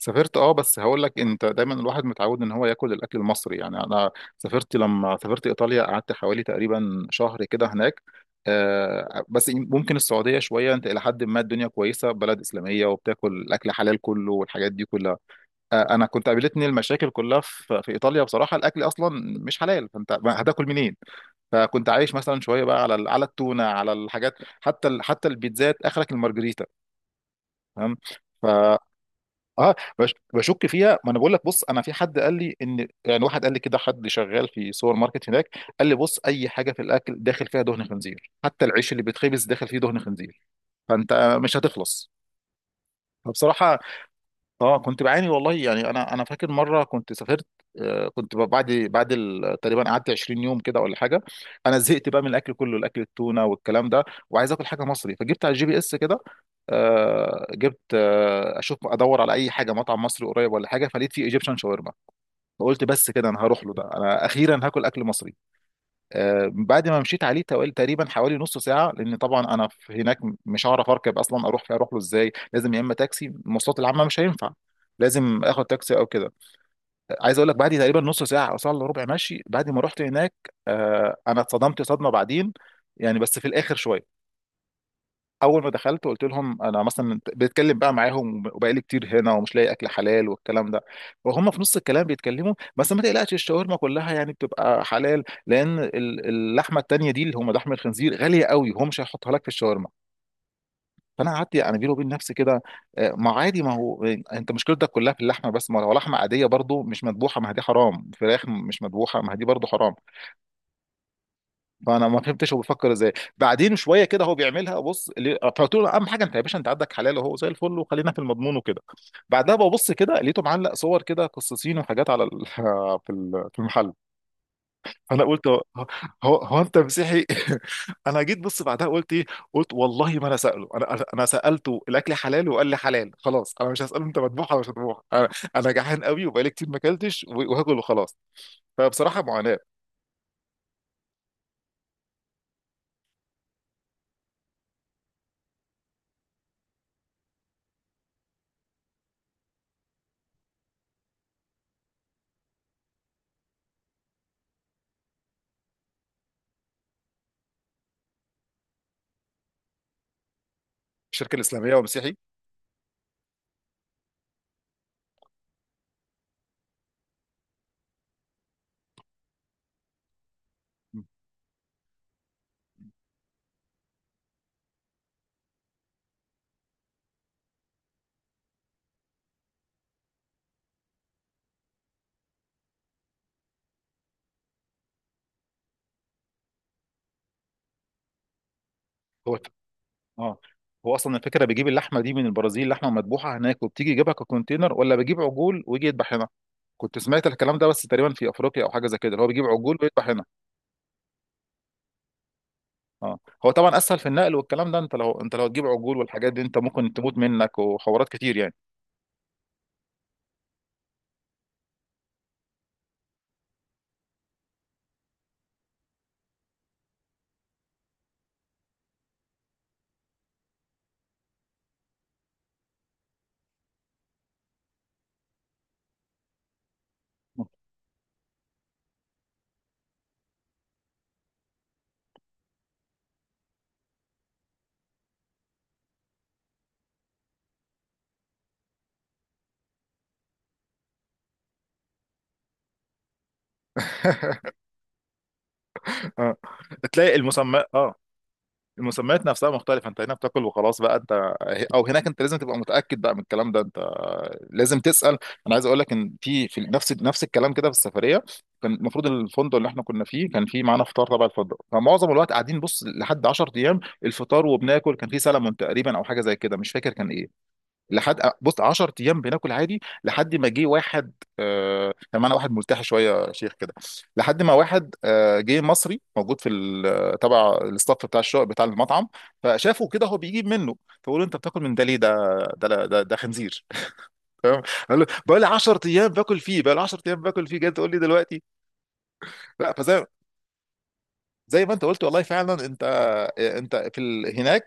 سافرت، بس هقول لك انت دايما الواحد متعود ان هو ياكل الاكل المصري. يعني انا سافرت، لما سافرت ايطاليا قعدت حوالي تقريبا شهر كده هناك. بس ممكن السعوديه شويه، انت الى حد ما الدنيا كويسه، بلد اسلاميه وبتاكل الاكل حلال كله والحاجات دي كلها. انا كنت قابلتني المشاكل كلها في ايطاليا. بصراحه الاكل اصلا مش حلال، فانت هتاكل منين؟ فكنت عايش مثلا شويه بقى على على التونه، على الحاجات. حتى حتى البيتزات اخرك المارجريتا. تمام. ف اه بشك فيها. ما انا بقول لك، بص، انا في حد قال لي ان، يعني واحد قال لي كده، حد شغال في سوبر ماركت هناك، قال لي بص، اي حاجه في الاكل داخل فيها دهن خنزير، حتى العيش اللي بيتخبز داخل فيه دهن خنزير. فانت مش هتخلص. فبصراحه اه كنت بعاني والله. يعني انا فاكر مره كنت سافرت، آه، كنت بعد تقريبا قعدت 20 يوم كده ولا حاجه، انا زهقت بقى من الاكل كله، الاكل التونه والكلام ده، وعايز اكل حاجه مصري، فجبت على الجي بي اس كده. آه، جبت، آه، اشوف ادور على اي حاجه مطعم مصري قريب ولا حاجه، فلقيت فيه ايجيبشن شاورما. فقلت بس كده، انا هروح له ده، انا اخيرا هاكل اكل مصري. آه، بعد ما مشيت عليه توالي تقريبا حوالي نص ساعه، لان طبعا انا في هناك مش هعرف اركب اصلا، اروح فيه، اروح له ازاي، لازم يا اما تاكسي، المواصلات العامه مش هينفع، لازم اخد تاكسي او كده. آه، عايز اقول لك، بعد تقريبا نص ساعه او ساعه الا ربع ماشي، بعد ما رحت هناك، آه، انا اتصدمت صدمه بعدين، يعني بس في الاخر شويه. اول ما دخلت قلت لهم انا مثلا، بتكلم بقى معاهم وبقالي كتير هنا ومش لاقي اكل حلال والكلام ده، وهم في نص الكلام بيتكلموا، بس ما تقلقش الشاورما كلها يعني بتبقى حلال، لان اللحمه التانيه دي اللي هم لحم الخنزير غاليه قوي وهم مش هيحطها لك في الشاورما. فانا قعدت يعني بيني وبين نفسي كده، آه، ما عادي، ما هو انت مشكلتك كلها في اللحمه بس، ما لو لحمه عاديه برضو مش مذبوحه ما هي دي حرام، فراخ مش مذبوحه ما هي دي برضو حرام. فانا ما فهمتش هو بيفكر ازاي. بعدين شويه كده هو بيعملها، بص فقلت له اهم حاجه انت يا باشا انت عندك حلال وهو زي الفل، وخلينا في المضمون وكده. بعدها ببص كده لقيته معلق صور كده قصصين وحاجات على في في المحل. فانا قلت هو هو انت مسيحي؟ انا جيت بص بعدها قلت ايه، قلت والله ما انا ساله، انا انا أنا سالته الاكل حلال وقال لي حلال، خلاص انا مش هساله انت مذبوح ولا مش مذبوح، انا انا جعان قوي وبقالي كتير ما اكلتش وهاكل وخلاص. فبصراحه معاناه. الشركه الاسلاميه والمسيحي. هو اه، هو اصلا الفكره بيجيب اللحمه دي من البرازيل، لحمه مذبوحه هناك وبتيجي يجيبها ككونتينر، ولا بيجيب عجول ويجي يذبح هنا؟ كنت سمعت الكلام ده، بس تقريبا في افريقيا او حاجه زي كده اللي هو بيجيب عجول ويذبح هنا. اه. هو طبعا اسهل في النقل والكلام ده، انت لو، انت لو تجيب عجول والحاجات دي انت ممكن تموت منك وحوارات كتير يعني. اه، تلاقي المسمى. اه، المسميات نفسها مختلفة. انت هنا بتاكل وخلاص بقى انت، او هناك انت لازم تبقى متأكد بقى من الكلام ده، انت لازم تسأل. انا عايز اقول لك ان في، في نفس، نفس الكلام كده في السفرية. كان المفروض الفندق اللي احنا كنا فيه كان فيه معانا فطار تبع الفندق، فمعظم الوقت قاعدين، بص، لحد 10 ايام الفطار وبناكل كان فيه سلمون تقريبا او حاجة زي كده، مش فاكر كان ايه، لحد، بص، 10 ايام بناكل عادي لحد ما جه واحد. كان معانا واحد ملتحي شويه يا شيخ كده، لحد ما واحد آه جه مصري، موجود في تبع الاستاف بتاع الشغل بتاع المطعم، فشافه كده هو بيجيب منه، فقول له انت بتاكل من ده ليه؟ ده، ده، ده خنزير. تمام. قال له بقى لي 10 ايام باكل فيه، بقى لي 10 ايام باكل فيه، جاي تقول لي دلوقتي؟ لا، فزي، زي ما انت قلت والله فعلا. انت، انت في هناك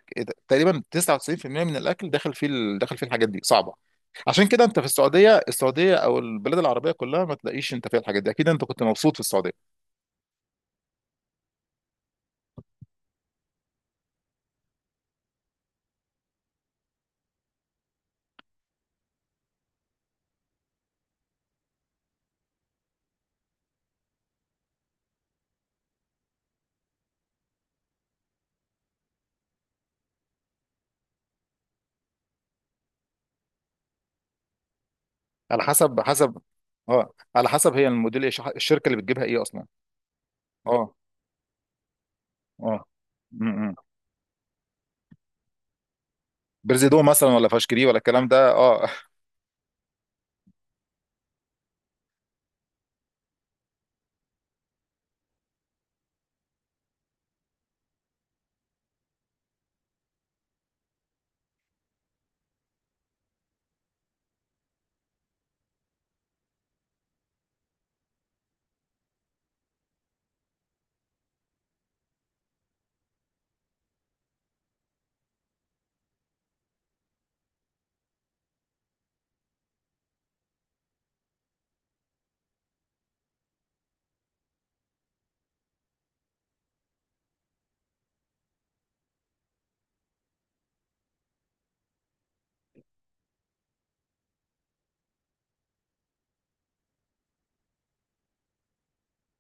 تقريبا 99% من الاكل داخل فيه داخل فيه الحاجات دي، صعبه. عشان كده انت في السعوديه، السعوديه او البلاد العربيه كلها ما تلاقيش انت فيها الحاجات دي. اكيد انت كنت مبسوط في السعوديه. على حسب، حسب. اه، على حسب هي الموديل ايه، الشركه اللي بتجيبها ايه اصلا. اه. اه. م- م. برزيدو مثلا ولا فاشكري ولا الكلام ده. اه.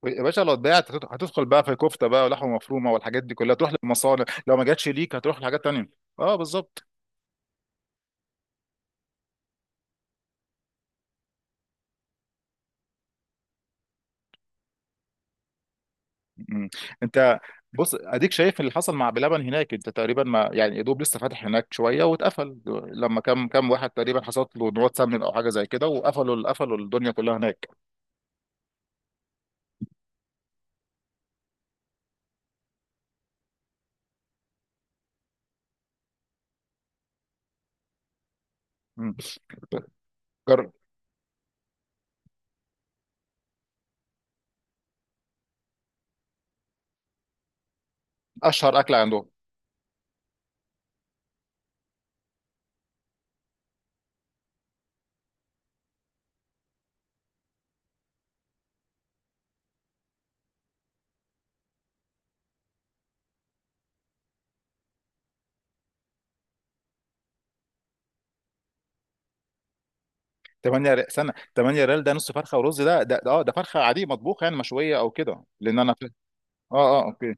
يا باشا لو اتباعت هتدخل بقى في كفته بقى ولحمه مفرومه والحاجات دي كلها، تروح للمصانع، لو ما جاتش ليك هتروح لحاجات تانيه. اه بالظبط. مم. انت بص اديك شايف اللي حصل مع بلبن هناك، انت تقريبا ما، يعني يا دوب لسه فاتح هناك شويه واتقفل. لما كم، كم واحد تقريبا حصلت له نوات سمن او حاجه زي كده، وقفلوا، قفلوا الدنيا كلها هناك. مم. جر- اشهر اكل عندهم. 8 ريال سنه، 8 ريال ده نص فرخه ورز، ده، ده، اه، ده فرخه عاديه مطبوخه يعني مشويه او كده، لان انا اه، اه، اوكي.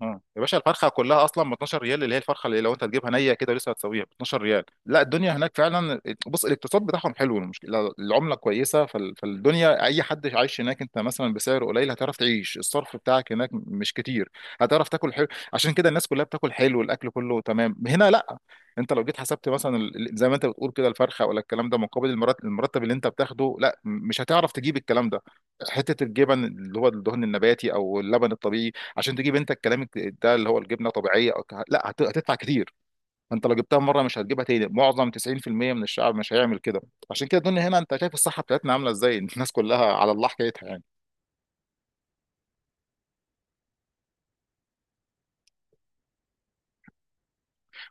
مم. يا باشا الفرخه كلها اصلا ب 12 ريال، اللي هي الفرخه اللي لو انت تجيبها نيه كده لسه هتسويها ب 12 ريال. لا الدنيا هناك فعلا، بص، الاقتصاد بتاعهم حلو، المشكله العمله كويسه، فالدنيا اي حد عايش هناك انت مثلا بسعر قليل هتعرف تعيش، الصرف بتاعك هناك مش كتير، هتعرف تاكل حلو. عشان كده الناس كلها بتاكل حلو، الاكل كله تمام. هنا لا، انت لو جيت حسبت مثلا زي ما انت بتقول كده الفرخه ولا الكلام ده مقابل المرتب اللي انت بتاخده، لا مش هتعرف تجيب الكلام ده. حته الجبن اللي هو الدهن النباتي او اللبن الطبيعي، عشان تجيب انت الكلام ده اللي هو الجبنه طبيعيه أو لا، هتدفع كتير. انت لو جبتها مره مش هتجيبها تاني، معظم 90% من الشعب مش هيعمل كده. عشان كده الدنيا هنا انت شايف الصحه بتاعتنا عامله ازاي، الناس كلها على الله حكايتها يعني.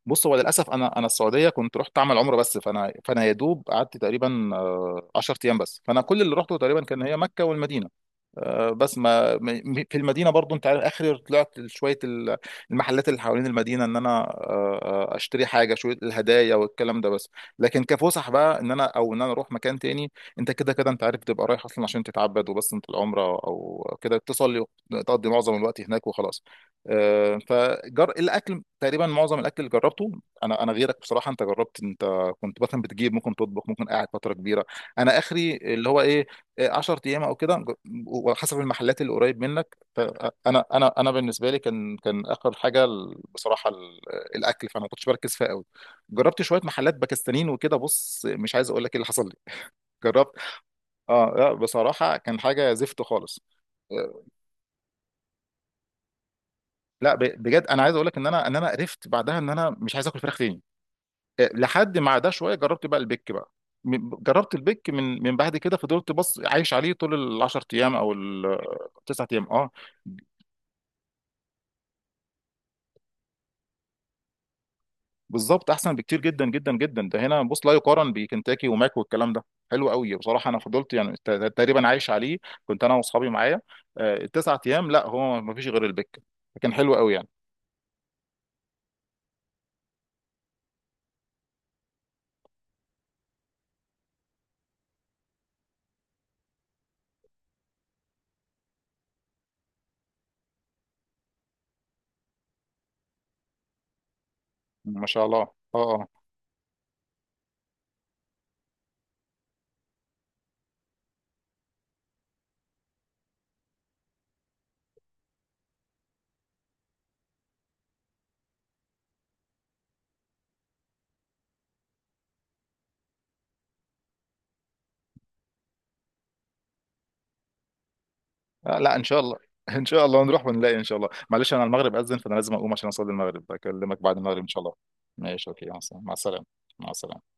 بص هو للاسف انا، انا السعوديه كنت رحت اعمل عمره بس، فانا، فانا يا دوب قعدت تقريبا آه، 10 ايام بس، فانا كل اللي رحته تقريبا كان هي مكه والمدينه. آه، بس ما، في المدينه برضو انت عارف اخر، طلعت شويه المحلات اللي حوالين المدينه، ان انا آه، آه، اشتري حاجه شويه الهدايا والكلام ده بس. لكن كفسح بقى ان انا، او ان انا اروح مكان تاني، انت كده كده انت عارف بتبقى رايح اصلا عشان تتعبد وبس، انت العمره او كده تصلي وتقضي معظم الوقت هناك وخلاص. آه، فجر الاكل، تقريبا معظم الاكل اللي جربته. انا غيرك بصراحه، انت جربت انت كنت مثلا بتجيب، ممكن تطبخ، ممكن قاعد فتره كبيره، انا اخري اللي هو ايه، 10 ايام او كده، وحسب المحلات اللي قريب منك. فانا، انا بالنسبه لي كان، كان اخر حاجه بصراحه الاكل فانا ما كنتش بركز فيها قوي. جربت شويه محلات باكستانيين وكده، بص مش عايز اقول لك ايه اللي حصل لي. جربت، اه لا بصراحه كان حاجه زفت خالص. آه، لا، بجد انا عايز اقول لك ان انا، ان انا قرفت بعدها ان انا مش عايز اكل فراخ تاني. آه، لحد ما عدا شويه جربت بقى البيك بقى. جربت البيك من، من بعد كده فضلت بص عايش عليه طول ال 10 ايام او ال 9 ايام. اه بالظبط احسن بكتير جدا جدا جدا. ده هنا بص لا يقارن بكنتاكي وماك والكلام ده. حلو قوي بصراحه انا فضلت يعني تقريبا عايش عليه، كنت انا واصحابي معايا. آه، التسعة ايام لا هو ما فيش غير البك، كان حلو قوي يعني. ما شاء الله. اه اه. آه، لا ان شاء الله. ان شاء الله نروح ونلاقي ان شاء الله. معلش انا المغرب اذن فانا لازم اقوم عشان اصلي المغرب، اكلمك بعد المغرب ان شاء الله. ماشي اوكي، مع السلامه. مع السلامه.